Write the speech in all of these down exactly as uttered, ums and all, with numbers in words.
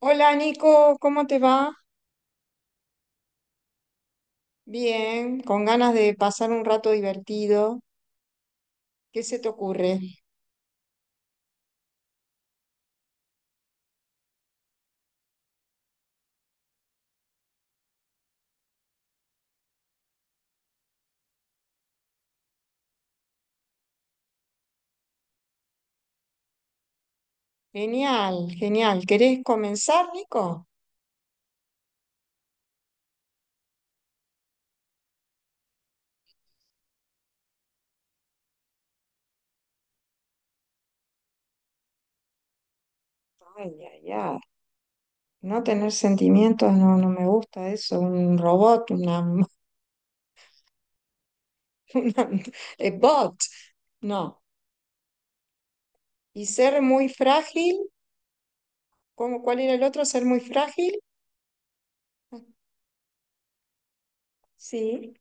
Hola Nico, ¿cómo te va? Bien, con ganas de pasar un rato divertido. ¿Qué se te ocurre? Genial, genial. ¿Querés comenzar, Nico? Ay, ay, ay. No tener sentimientos no, no me gusta eso. Un robot, una, una eh, bot. No. Y ser muy frágil, ¿cómo, cuál era el otro? Ser muy frágil. Sí.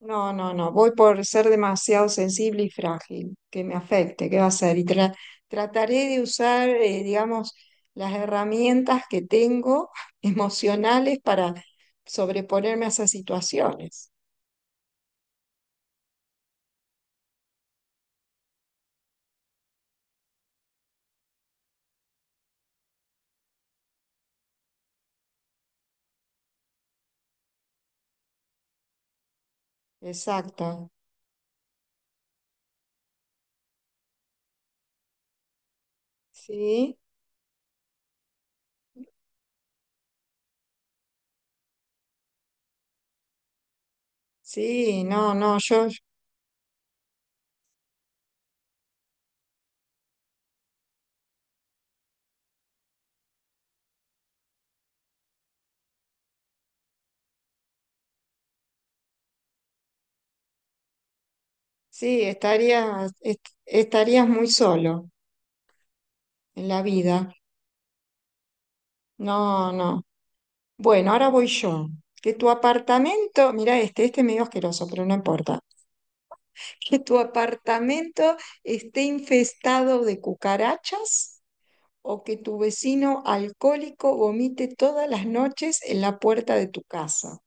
No, no, no, voy por ser demasiado sensible y frágil, que me afecte, ¿qué va a ser? Y tra- trataré de usar, eh, digamos, las herramientas que tengo emocionales para sobreponerme a esas situaciones. Exacto. Sí, sí, no, no, yo sí, estaría, est- estarías muy solo en la vida. No, no. Bueno, ahora voy yo. Que tu apartamento, mira este, este es medio asqueroso, pero no importa. Que tu apartamento esté infestado de cucarachas o que tu vecino alcohólico vomite todas las noches en la puerta de tu casa.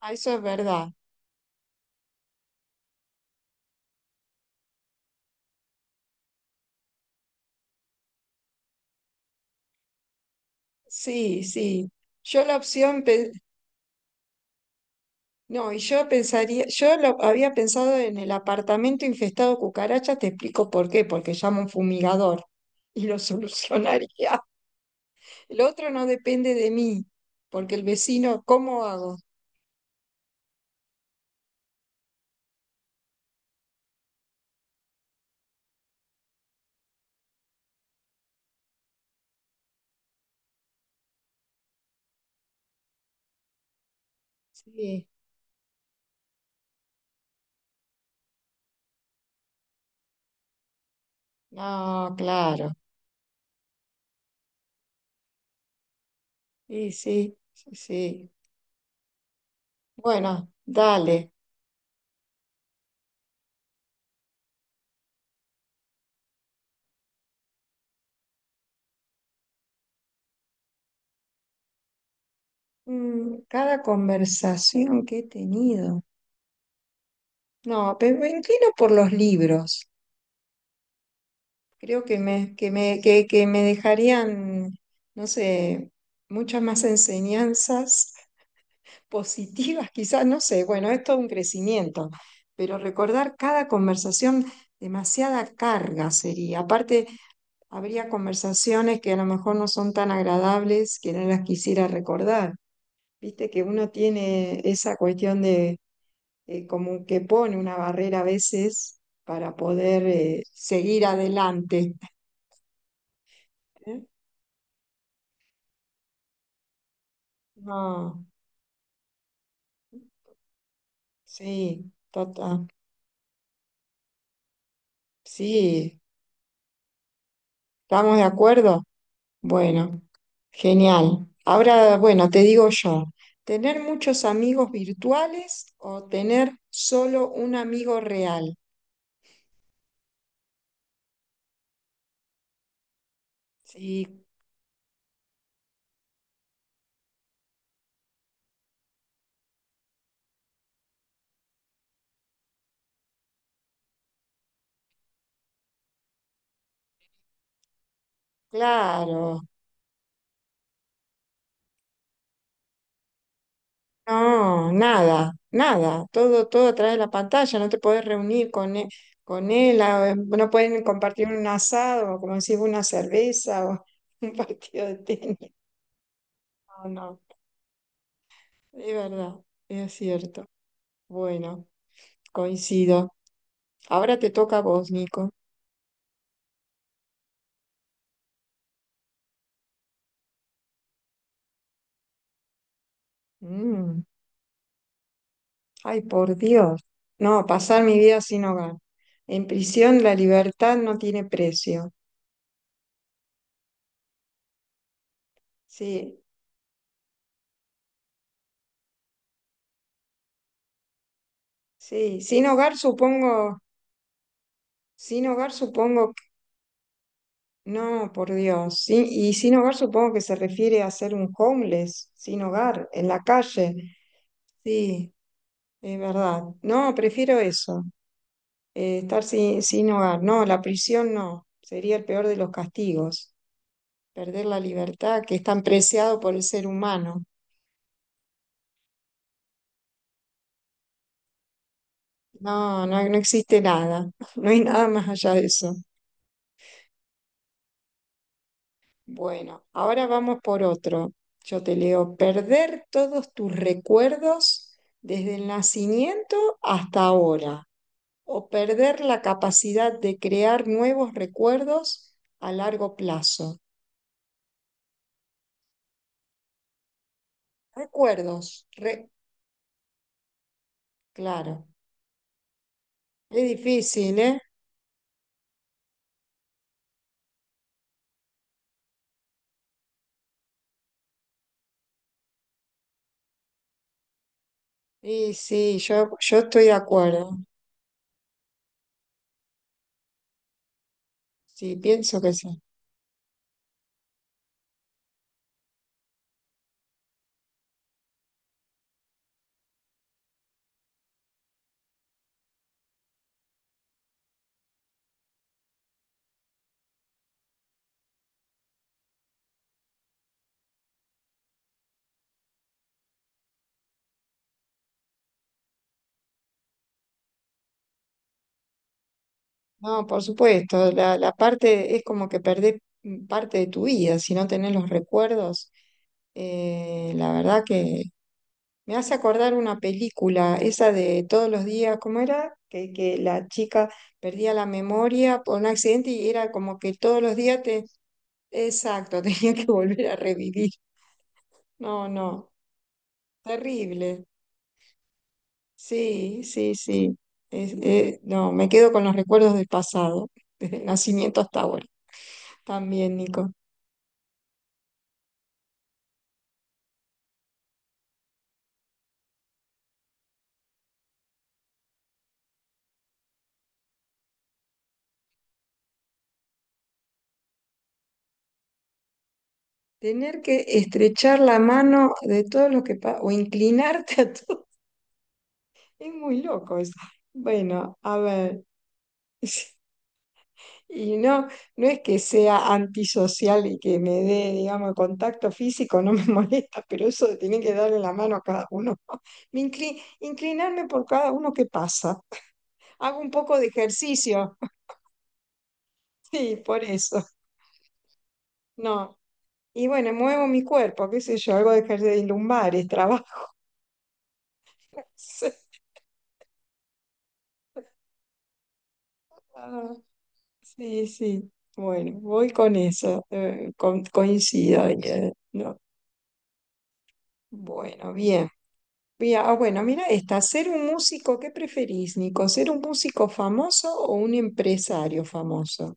Ah, eso es verdad. Sí, sí. Yo la opción, pe- no, y yo pensaría, yo lo había pensado en el apartamento infestado de cucarachas, te explico por qué, porque llamo a un fumigador y lo solucionaría. El otro no depende de mí, porque el vecino, ¿cómo hago? Sí, no, claro. Sí, sí, sí, sí. Bueno, dale. Mm, cada conversación que he tenido. No, pero me inclino por los libros. Creo que me, que me, que, que me dejarían, no sé, muchas más enseñanzas positivas, quizás, no sé. Bueno, es todo un crecimiento, pero recordar cada conversación, demasiada carga sería. Aparte, habría conversaciones que a lo mejor no son tan agradables que no las quisiera recordar. Viste que uno tiene esa cuestión de eh, como que pone una barrera a veces para poder eh, seguir adelante. ¿Eh? No, sí, total. Sí, ¿estamos de acuerdo? Bueno, genial. Ahora, bueno, te digo yo, ¿tener muchos amigos virtuales o tener solo un amigo real? Sí, claro. No, nada, nada. Todo, todo a través de la pantalla. No te podés reunir con él, con él, a- no pueden compartir un asado, o como decís, una cerveza o un partido de tenis. No, no, es verdad, es cierto. Bueno, coincido. Ahora te toca a vos, Nico. Mm, ay, por Dios. No, pasar mi vida sin hogar. En prisión la libertad no tiene precio. Sí, sí. Sin hogar supongo. Sin hogar supongo. No, por Dios. Sí, y sin hogar supongo que se refiere a ser un homeless, sin hogar, en la calle. Sí, es verdad. No, prefiero eso, eh, estar sin, sin hogar. No, la prisión no, sería el peor de los castigos, perder la libertad que es tan preciado por el ser humano. No, no, no existe nada, no hay nada más allá de eso. Bueno, ahora vamos por otro. Yo te leo, perder todos tus recuerdos desde el nacimiento hasta ahora, o perder la capacidad de crear nuevos recuerdos a largo plazo. Recuerdos, re- claro. Es difícil, ¿eh? Y sí, yo, yo estoy de acuerdo. Sí, pienso que sí. No, por supuesto, la, la parte es como que perdés mm, parte de tu vida si no tenés los recuerdos. Eh, la verdad que me hace acordar una película, esa de todos los días, ¿cómo era? Que, que la chica perdía la memoria por un accidente y era como que todos los días te... Exacto, tenía que volver a revivir. No, no, terrible. Sí, sí, sí. Es- eh, no, me quedo con los recuerdos del pasado, desde el nacimiento hasta ahora. También, Nico. Tener que estrechar la mano de todos los que pa- o inclinarte a todos. Es muy loco eso. Bueno, a ver. Y no, no es que sea antisocial y que me dé, digamos, contacto físico, no me molesta, pero eso de tener que darle la mano a cada uno. Me incli- inclinarme por cada uno que pasa. Hago un poco de ejercicio, sí, por eso. No. Y bueno, muevo mi cuerpo, qué sé yo, algo de ejercicio de lumbares, trabajo. Sí, ah, sí. Sí. Bueno, voy con eso, eh, con- coincido. Eh, no. Bueno, bien. Bien, ah, bueno, mira esta. ¿Ser un músico, qué preferís, Nico? ¿Ser un músico famoso o un empresario famoso?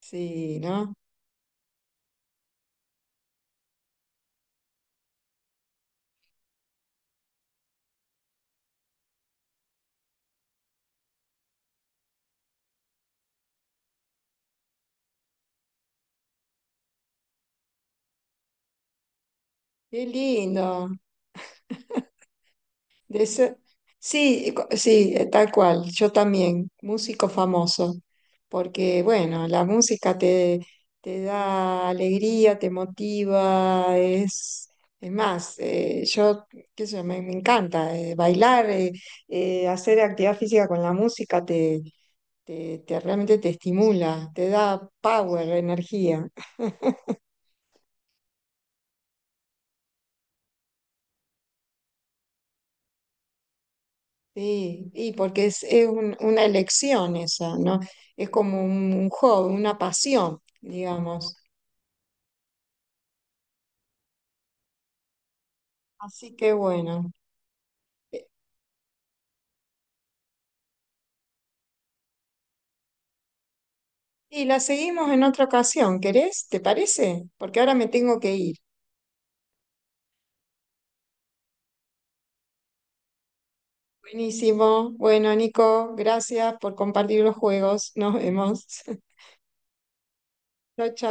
Sí, ¿no? Qué lindo. De eso- Sí, co- sí, eh, tal cual. Yo también, músico famoso. Porque, bueno, la música te, te da alegría, te motiva, es... Es más, eh, yo, qué sé yo, me, me encanta eh, bailar, eh, eh, hacer actividad física con la música te, te- realmente te estimula, te da power, energía. Sí, y porque es, es un- una elección esa, ¿no? Es como un, un hobby, una pasión, digamos. Así que bueno. Eh, y la seguimos en otra ocasión, ¿querés? ¿Te parece? Porque ahora me tengo que ir. Buenísimo. Bueno, Nico, gracias por compartir los juegos. Nos vemos. Chao, chao.